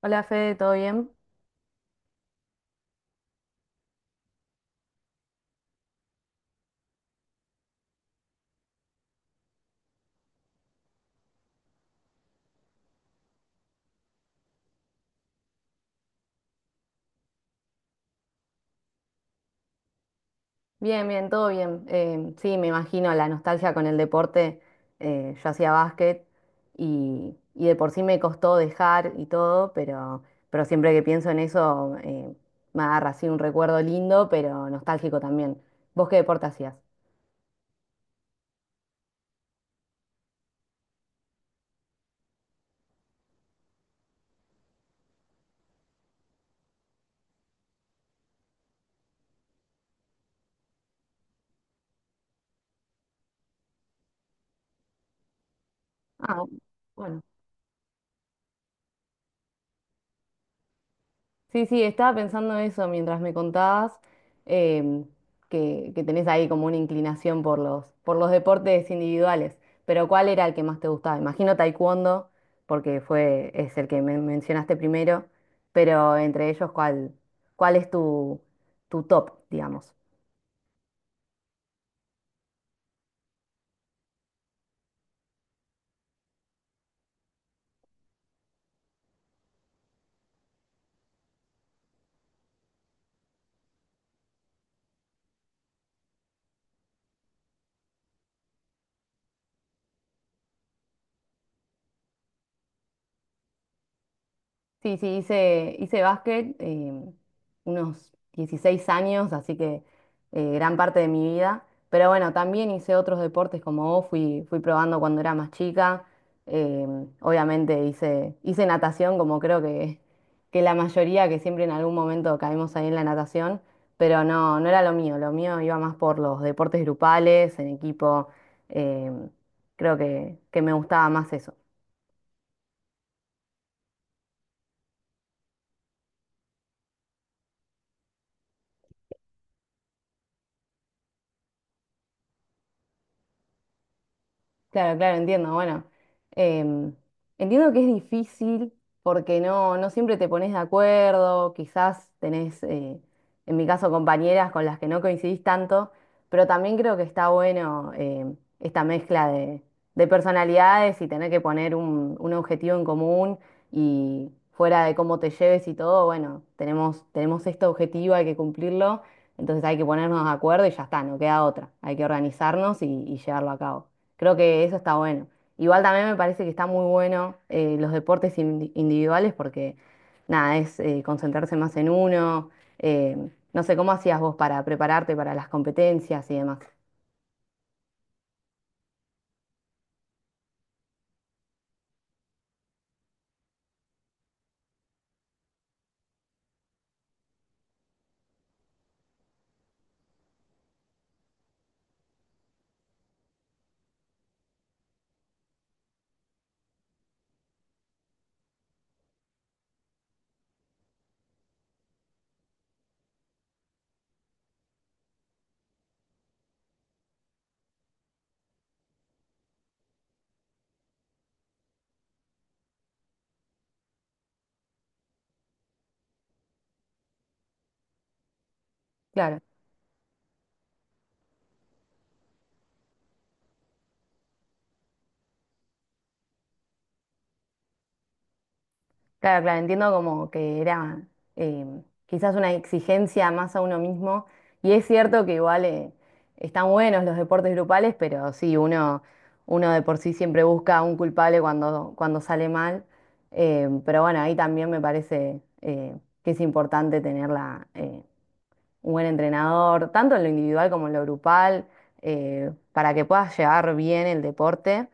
Hola Fede, ¿todo bien? Bien, bien, todo bien. Sí, me imagino la nostalgia con el deporte. Yo hacía básquet y de por sí me costó dejar y todo, pero siempre que pienso en eso, me agarra así un recuerdo lindo, pero nostálgico también. ¿Vos qué deporte hacías? Ah, bueno. Sí, sí, estaba pensando eso mientras me contabas em, que tenés ahí como una inclinación por los deportes individuales, pero ¿cuál era el que más te gustaba? Imagino taekwondo, porque fue, es el que me mencionaste primero, pero entre ellos, ¿cuál, cuál es tu, tu top, digamos? Sí, sí, hice, hice básquet, unos 16 años, así que, gran parte de mi vida. Pero bueno, también hice otros deportes como vos, fui, fui probando cuando era más chica. Eh, obviamente hice, hice natación, como creo que la mayoría, que siempre en algún momento caemos ahí en la natación, pero no, no era lo mío iba más por los deportes grupales, en equipo. em, Creo que me gustaba más eso. Claro, claro, entiendo. Bueno, em, entiendo que es difícil porque no, no siempre te pones de acuerdo, quizás tenés, en mi caso, compañeras con las que no coincidís tanto, pero también creo que está bueno esta mezcla de personalidades y tener que poner un objetivo en común y fuera de cómo te lleves y todo, bueno, tenemos, tenemos este objetivo, hay que cumplirlo, entonces hay que ponernos de acuerdo y ya está, no queda otra, hay que organizarnos y llevarlo a cabo. Creo que eso está bueno. Igual también me parece que está muy bueno los deportes individuales porque nada, es concentrarse más en uno. eh, no sé, ¿cómo hacías vos para prepararte para las competencias y demás? Claro. Claro, claro, entiendo como que era eh, quizás una exigencia más a uno mismo. Y es cierto que igual, están buenos los deportes grupales, pero sí, uno, uno de por sí siempre busca un culpable cuando, cuando sale mal. Pero bueno, ahí también me parece, que es importante tenerla un buen entrenador, tanto en lo individual como en lo grupal, para que puedas llevar bien el deporte,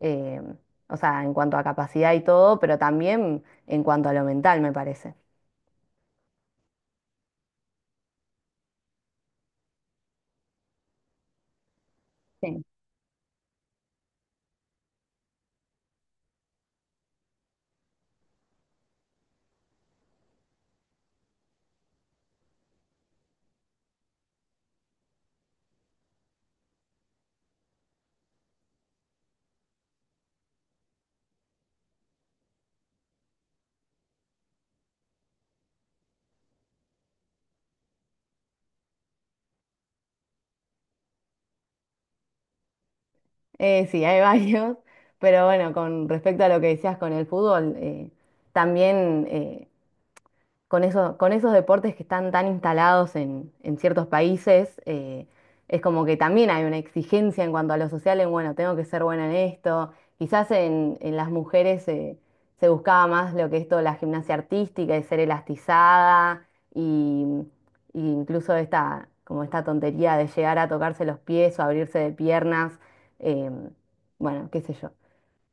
eh, o sea, en cuanto a capacidad y todo, pero también en cuanto a lo mental, me parece. Sí. Sí, hay varios, pero bueno, con respecto a lo que decías con el fútbol, también con con esos deportes que están tan instalados en ciertos países, es como que también hay una exigencia en cuanto a lo social, en bueno, tengo que ser buena en esto. Quizás en las mujeres se buscaba más lo que es toda la gimnasia artística y ser elastizada y, y incluso esta, como esta tontería de llegar a tocarse los pies o abrirse de piernas, em, bueno, qué sé yo.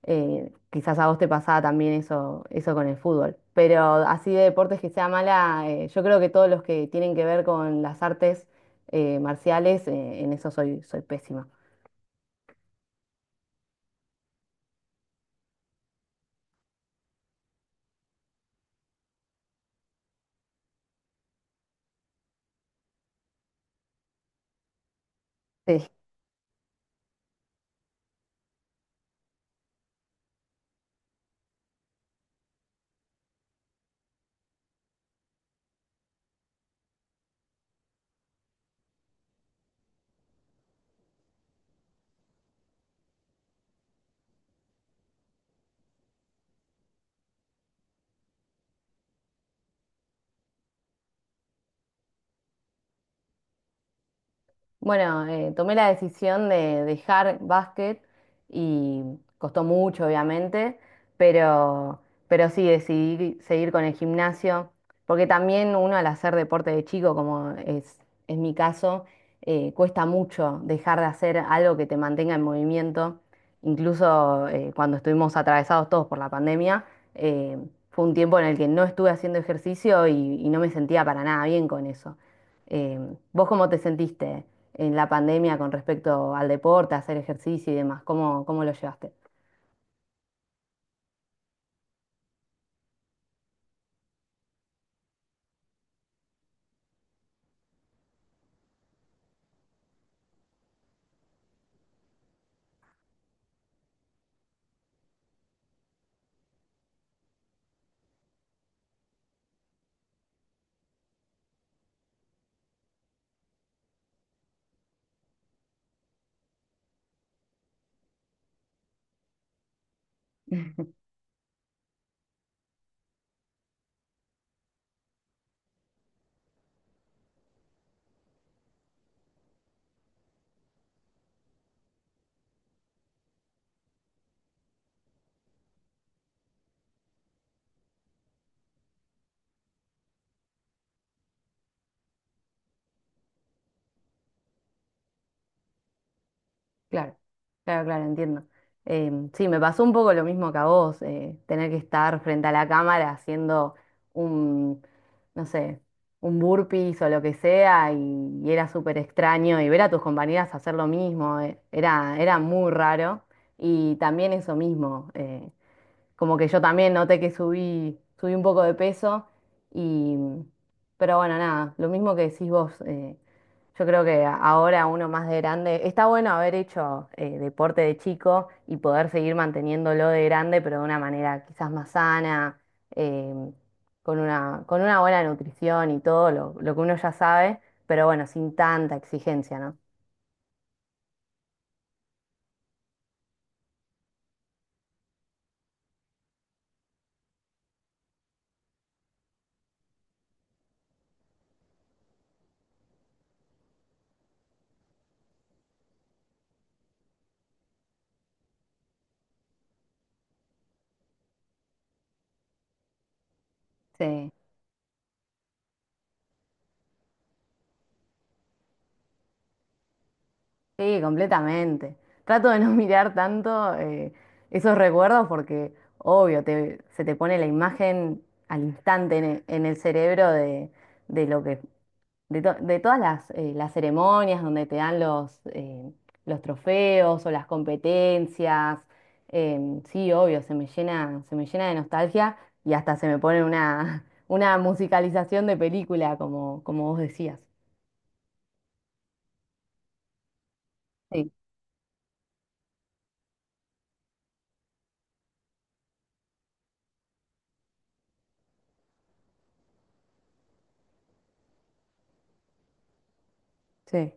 Quizás a vos te pasaba también eso con el fútbol. Pero así de deportes que sea mala, yo creo que todos los que tienen que ver con las artes marciales, en eso soy, soy pésima. Sí. Bueno, tomé la decisión de dejar básquet y costó mucho, obviamente, pero, pero sí decidí seguir con el gimnasio, porque también uno al hacer deporte de chico, como es mi caso, cuesta mucho dejar de hacer algo que te mantenga en movimiento. Incluso cuando estuvimos atravesados todos por la pandemia, eh, fue un tiempo en el que no estuve haciendo ejercicio y no me sentía para nada bien con eso. Em, ¿vos cómo te sentiste en la pandemia con respecto al deporte, hacer ejercicio y demás? ¿Cómo, cómo lo llevaste? Claro, claro, claro, entiendo. Em, sí, me pasó un poco lo mismo que a vos, tener que estar frente a la cámara haciendo un, no sé, un burpees o lo que sea, y era súper extraño, y ver a tus compañeras hacer lo mismo, era, era muy raro, y también eso mismo. Como que yo también noté que subí, subí un poco de peso y, pero bueno, nada, lo mismo que decís vos, yo creo que ahora uno más de grande, está bueno haber hecho deporte de chico y poder seguir manteniéndolo de grande, pero de una manera quizás más sana, em, con una buena nutrición y todo lo que uno ya sabe, pero bueno, sin tanta exigencia, ¿no? Sí. Sí, completamente. Trato de no mirar tanto esos recuerdos porque, obvio, se te pone la imagen al instante en en el, cerebro de lo que, de, de todas las ceremonias donde te dan los trofeos o las competencias. Em, sí, obvio, se me llena de nostalgia y hasta se me pone una, una musicalización de película, como, como vos decías. Sí, sí.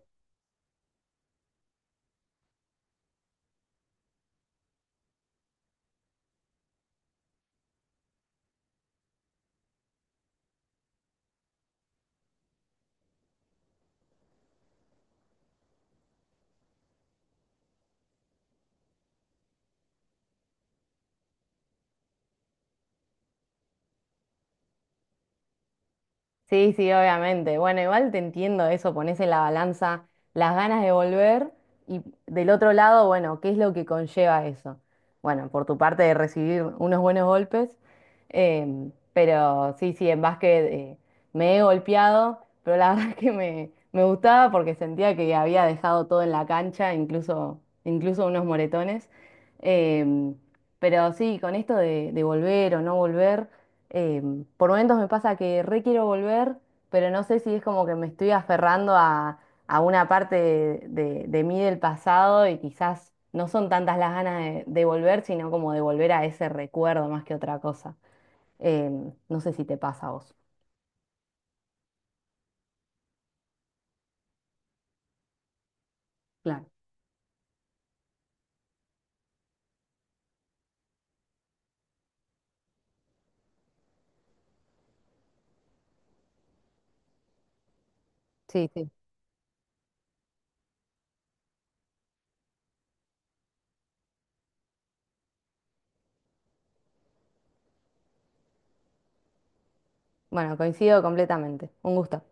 Sí, sí, obviamente. Bueno, igual te entiendo eso, pones en la balanza las ganas de volver y del otro lado, bueno, ¿qué es lo que conlleva eso? Bueno, por tu parte de recibir unos buenos golpes, em, pero sí, sí, en básquet, me he golpeado, pero la verdad es que me gustaba porque sentía que había dejado todo en la cancha, incluso, incluso unos moretones. Em, pero sí, con esto de volver o no volver. Eh, por momentos me pasa que re quiero volver, pero no sé si es como que me estoy aferrando a una parte de, de mí del pasado y quizás no son tantas las ganas de volver, sino como de volver a ese recuerdo más que otra cosa. Em, no sé si te pasa a vos. Claro. Sí, sí. Bueno, coincido completamente. Un gusto.